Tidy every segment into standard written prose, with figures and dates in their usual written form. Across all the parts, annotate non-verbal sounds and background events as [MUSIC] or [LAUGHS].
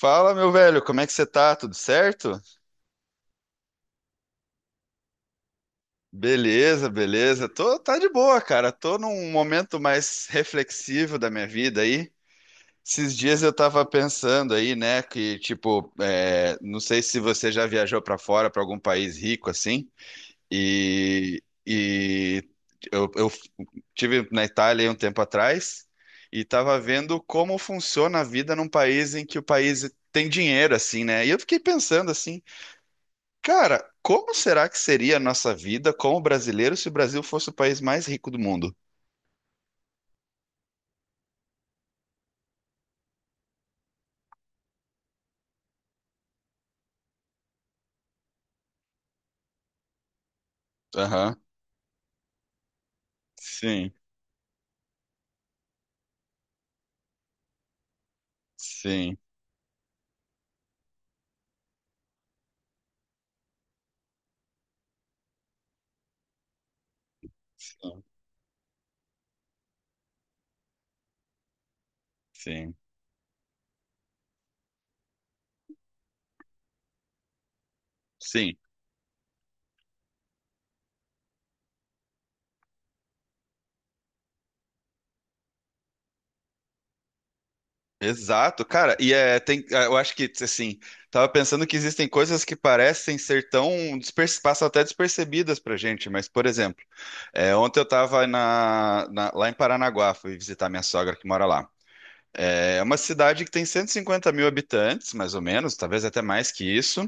Fala, meu velho, como é que você tá? Tudo certo? Beleza. Tá de boa, cara. Tô num momento mais reflexivo da minha vida aí. Esses dias eu tava pensando aí, né, que tipo, não sei se você já viajou pra fora, pra algum país rico assim. E eu tive na Itália aí um tempo atrás e tava vendo como funciona a vida num país em que o país tem dinheiro assim, né? E eu fiquei pensando assim, cara, como será que seria a nossa vida como brasileiro se o Brasil fosse o país mais rico do mundo? Aham. Sim, sim, sim, sim, sim. Exato, cara. Eu acho que, assim, tava pensando que existem coisas que parecem ser tão, passam até despercebidas pra gente, mas, por exemplo, ontem eu tava lá em Paranaguá, fui visitar minha sogra que mora lá. É uma cidade que tem 150 mil habitantes, mais ou menos, talvez até mais que isso.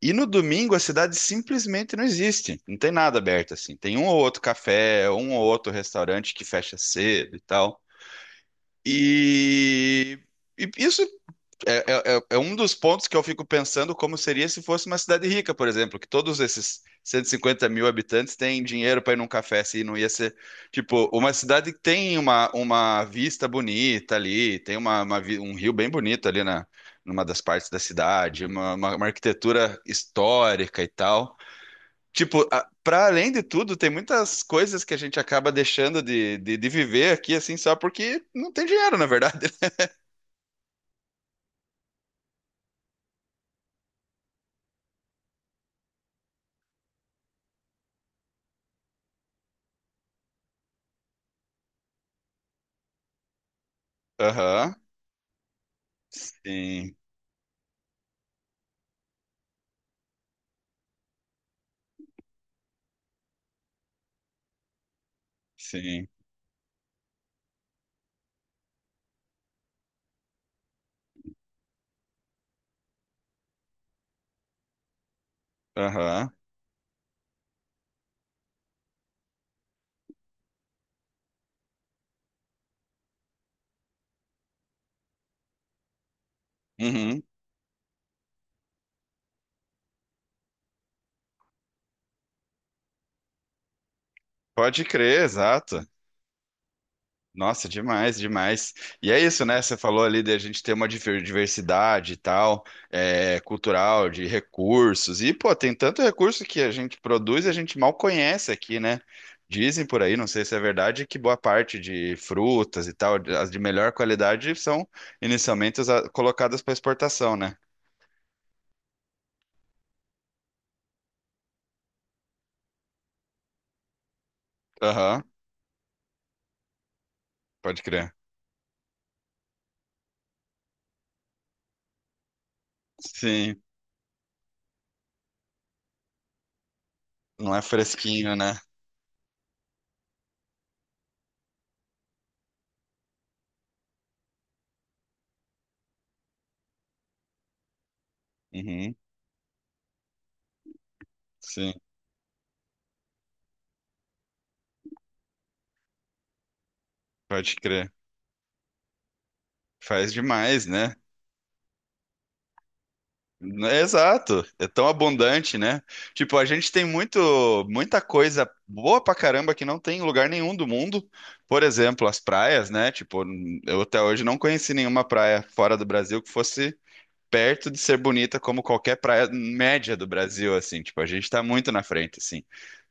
E no domingo a cidade simplesmente não existe. Não tem nada aberto assim. Tem um ou outro café, um ou outro restaurante que fecha cedo e tal. E, e isso é um dos pontos que eu fico pensando como seria se fosse uma cidade rica, por exemplo, que todos esses 150 mil habitantes têm dinheiro para ir num café, se não ia ser, tipo, uma cidade que tem uma vista bonita ali, tem um rio bem bonito ali numa das partes da cidade, uma arquitetura histórica e tal. Tipo, para além de tudo, tem muitas coisas que a gente acaba deixando de viver aqui, assim, só porque não tem dinheiro, na verdade. [LAUGHS] Aham, sim. Sim. Aham. Uhum. Pode crer, exato. Nossa, demais, demais. E é isso, né? Você falou ali de a gente ter uma diversidade e tal, é, cultural, de recursos. E, pô, tem tanto recurso que a gente produz e a gente mal conhece aqui, né? Dizem por aí, não sei se é verdade, que boa parte de frutas e tal, as de melhor qualidade, são inicialmente colocadas para exportação, né? Aham, pode crer. Sim, não é fresquinho, né? Uhum, sim, pode crer. Faz demais, né? É exato, é tão abundante, né? Tipo, a gente tem muito, muita coisa boa pra caramba que não tem em lugar nenhum do mundo. Por exemplo, as praias, né? Tipo, eu até hoje não conheci nenhuma praia fora do Brasil que fosse perto de ser bonita como qualquer praia média do Brasil, assim, tipo, a gente tá muito na frente, assim.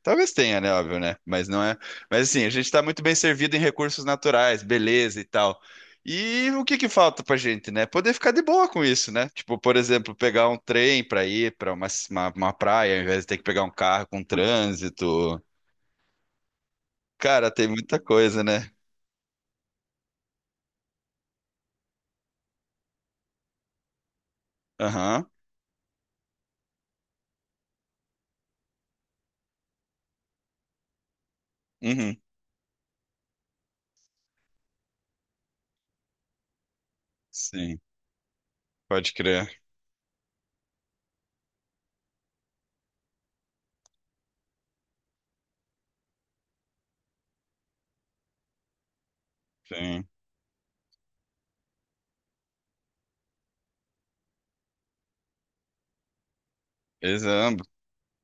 Talvez tenha, né, óbvio, né? Mas não é. Mas assim, a gente tá muito bem servido em recursos naturais, beleza e tal. E o que que falta pra gente, né? Poder ficar de boa com isso, né? Tipo, por exemplo, pegar um trem pra ir pra uma praia, ao invés de ter que pegar um carro com trânsito. Cara, tem muita coisa, né? Aham. Uhum. Sim, pode crer. Sim. Exato,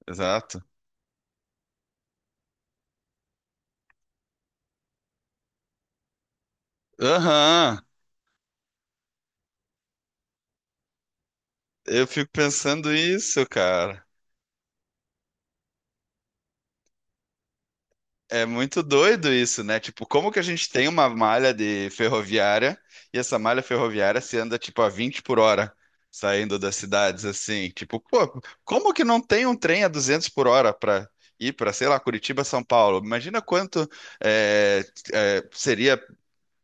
exato. Aham. Eu fico pensando isso, cara. É muito doido isso, né? Tipo, como que a gente tem uma malha de ferroviária e essa malha ferroviária se anda tipo a 20 por hora saindo das cidades assim? Tipo, pô, como que não tem um trem a 200 por hora para ir para, sei lá, Curitiba, São Paulo? Imagina quanto é, seria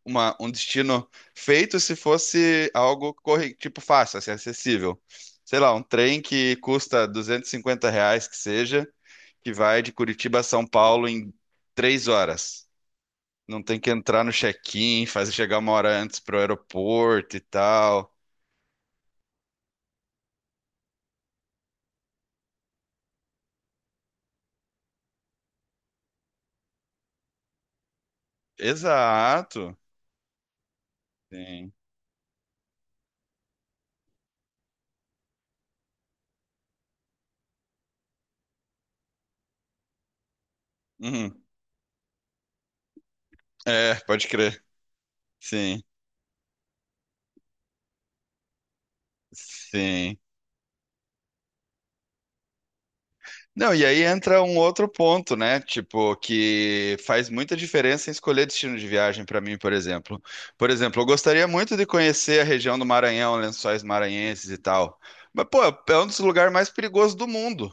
um destino feito se fosse algo tipo fácil, assim, acessível. Sei lá, um trem que custa R$ 250 que seja, que vai de Curitiba a São Paulo em 3 horas. Não tem que entrar no check-in, fazer chegar 1 hora antes pro aeroporto e tal. Exato. Sim. Uhum. É, pode crer. Sim, sim. Não, e aí entra um outro ponto, né? Tipo, que faz muita diferença em escolher destino de viagem para mim, por exemplo. Por exemplo, eu gostaria muito de conhecer a região do Maranhão, Lençóis Maranhenses e tal. Mas, pô, é um dos lugares mais perigosos do mundo.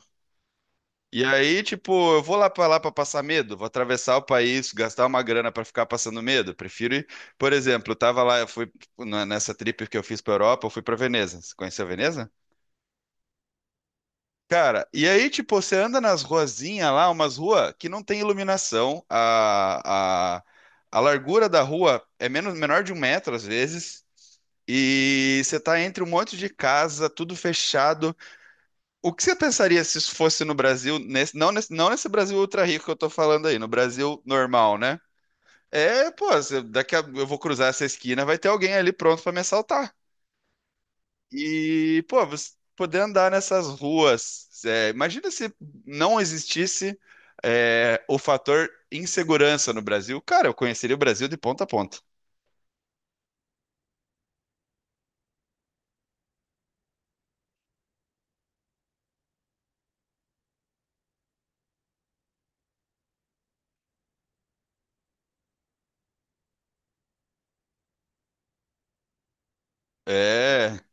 E aí, tipo, eu vou lá pra passar medo, vou atravessar o país, gastar uma grana pra ficar passando medo. Prefiro ir, por exemplo, eu tava lá, eu fui tipo, nessa trip que eu fiz pra Europa, eu fui pra Veneza. Você conheceu Veneza? Cara, e aí, tipo, você anda nas ruazinhas lá, umas ruas que não tem iluminação, a largura da rua é menor de um metro às vezes. E você tá entre um monte de casa, tudo fechado. O que você pensaria se isso fosse no Brasil, nesse- não, nesse, não nesse Brasil ultra rico que eu tô falando aí, no Brasil normal, né? É, pô, daqui a, eu vou cruzar essa esquina, vai ter alguém ali pronto pra me assaltar. E, pô, você poder andar nessas ruas, é, imagina se não existisse, é, o fator insegurança no Brasil. Cara, eu conheceria o Brasil de ponta a ponta. É,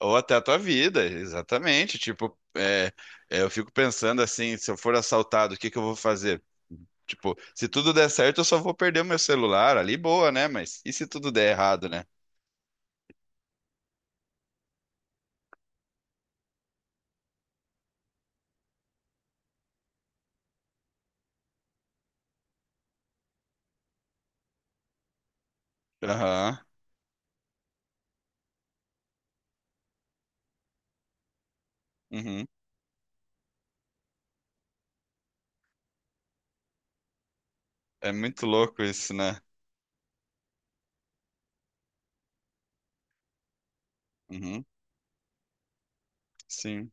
ou até a tua vida, exatamente. Tipo, eu fico pensando assim, se eu for assaltado, o que que eu vou fazer? Tipo, se tudo der certo, eu só vou perder o meu celular ali, boa, né? Mas e se tudo der errado, né? Aham, uhum. É muito louco isso, né? Uhum. Sim.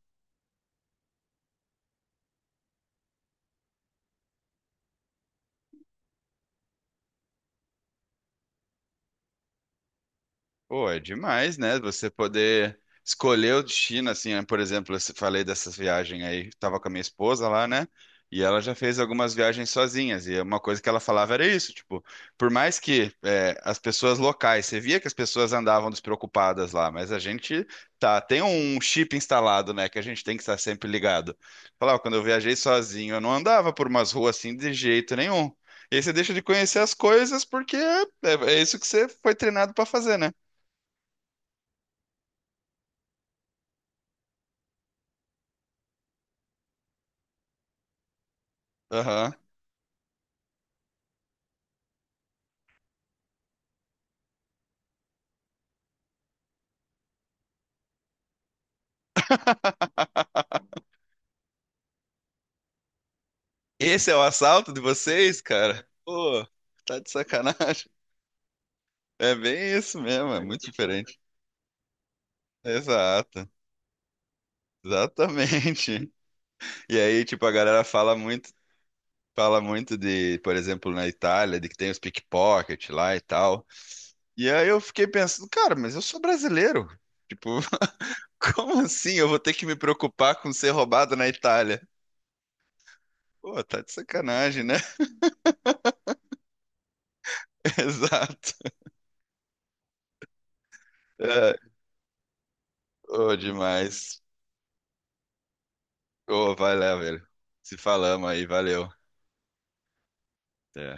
Pô, é demais, né? Você poder escolher o destino, assim, né? Por exemplo, eu falei dessa viagem aí, tava com a minha esposa lá, né? E ela já fez algumas viagens sozinhas, e uma coisa que ela falava era isso, tipo, por mais que as pessoas locais, você via que as pessoas andavam despreocupadas lá, mas a gente tá, tem um chip instalado, né, que a gente tem que estar sempre ligado. Falava, quando eu viajei sozinho, eu não andava por umas ruas assim de jeito nenhum. E aí você deixa de conhecer as coisas porque é isso que você foi treinado pra fazer, né? Aham. Esse é o assalto de vocês, cara? Pô, tá de sacanagem. [LAUGHS] É bem isso mesmo, é muito diferente. Exato, exatamente. E aí, tipo, a galera fala muito de, por exemplo, na Itália, de que tem os pickpocket lá e tal. E aí eu fiquei pensando, cara, mas eu sou brasileiro. Tipo, [LAUGHS] como assim eu vou ter que me preocupar com ser roubado na Itália? Pô, tá de sacanagem, né? [LAUGHS] Exato. É, ô, demais. Ô, vai lá, velho. Se falamos aí, valeu. Até.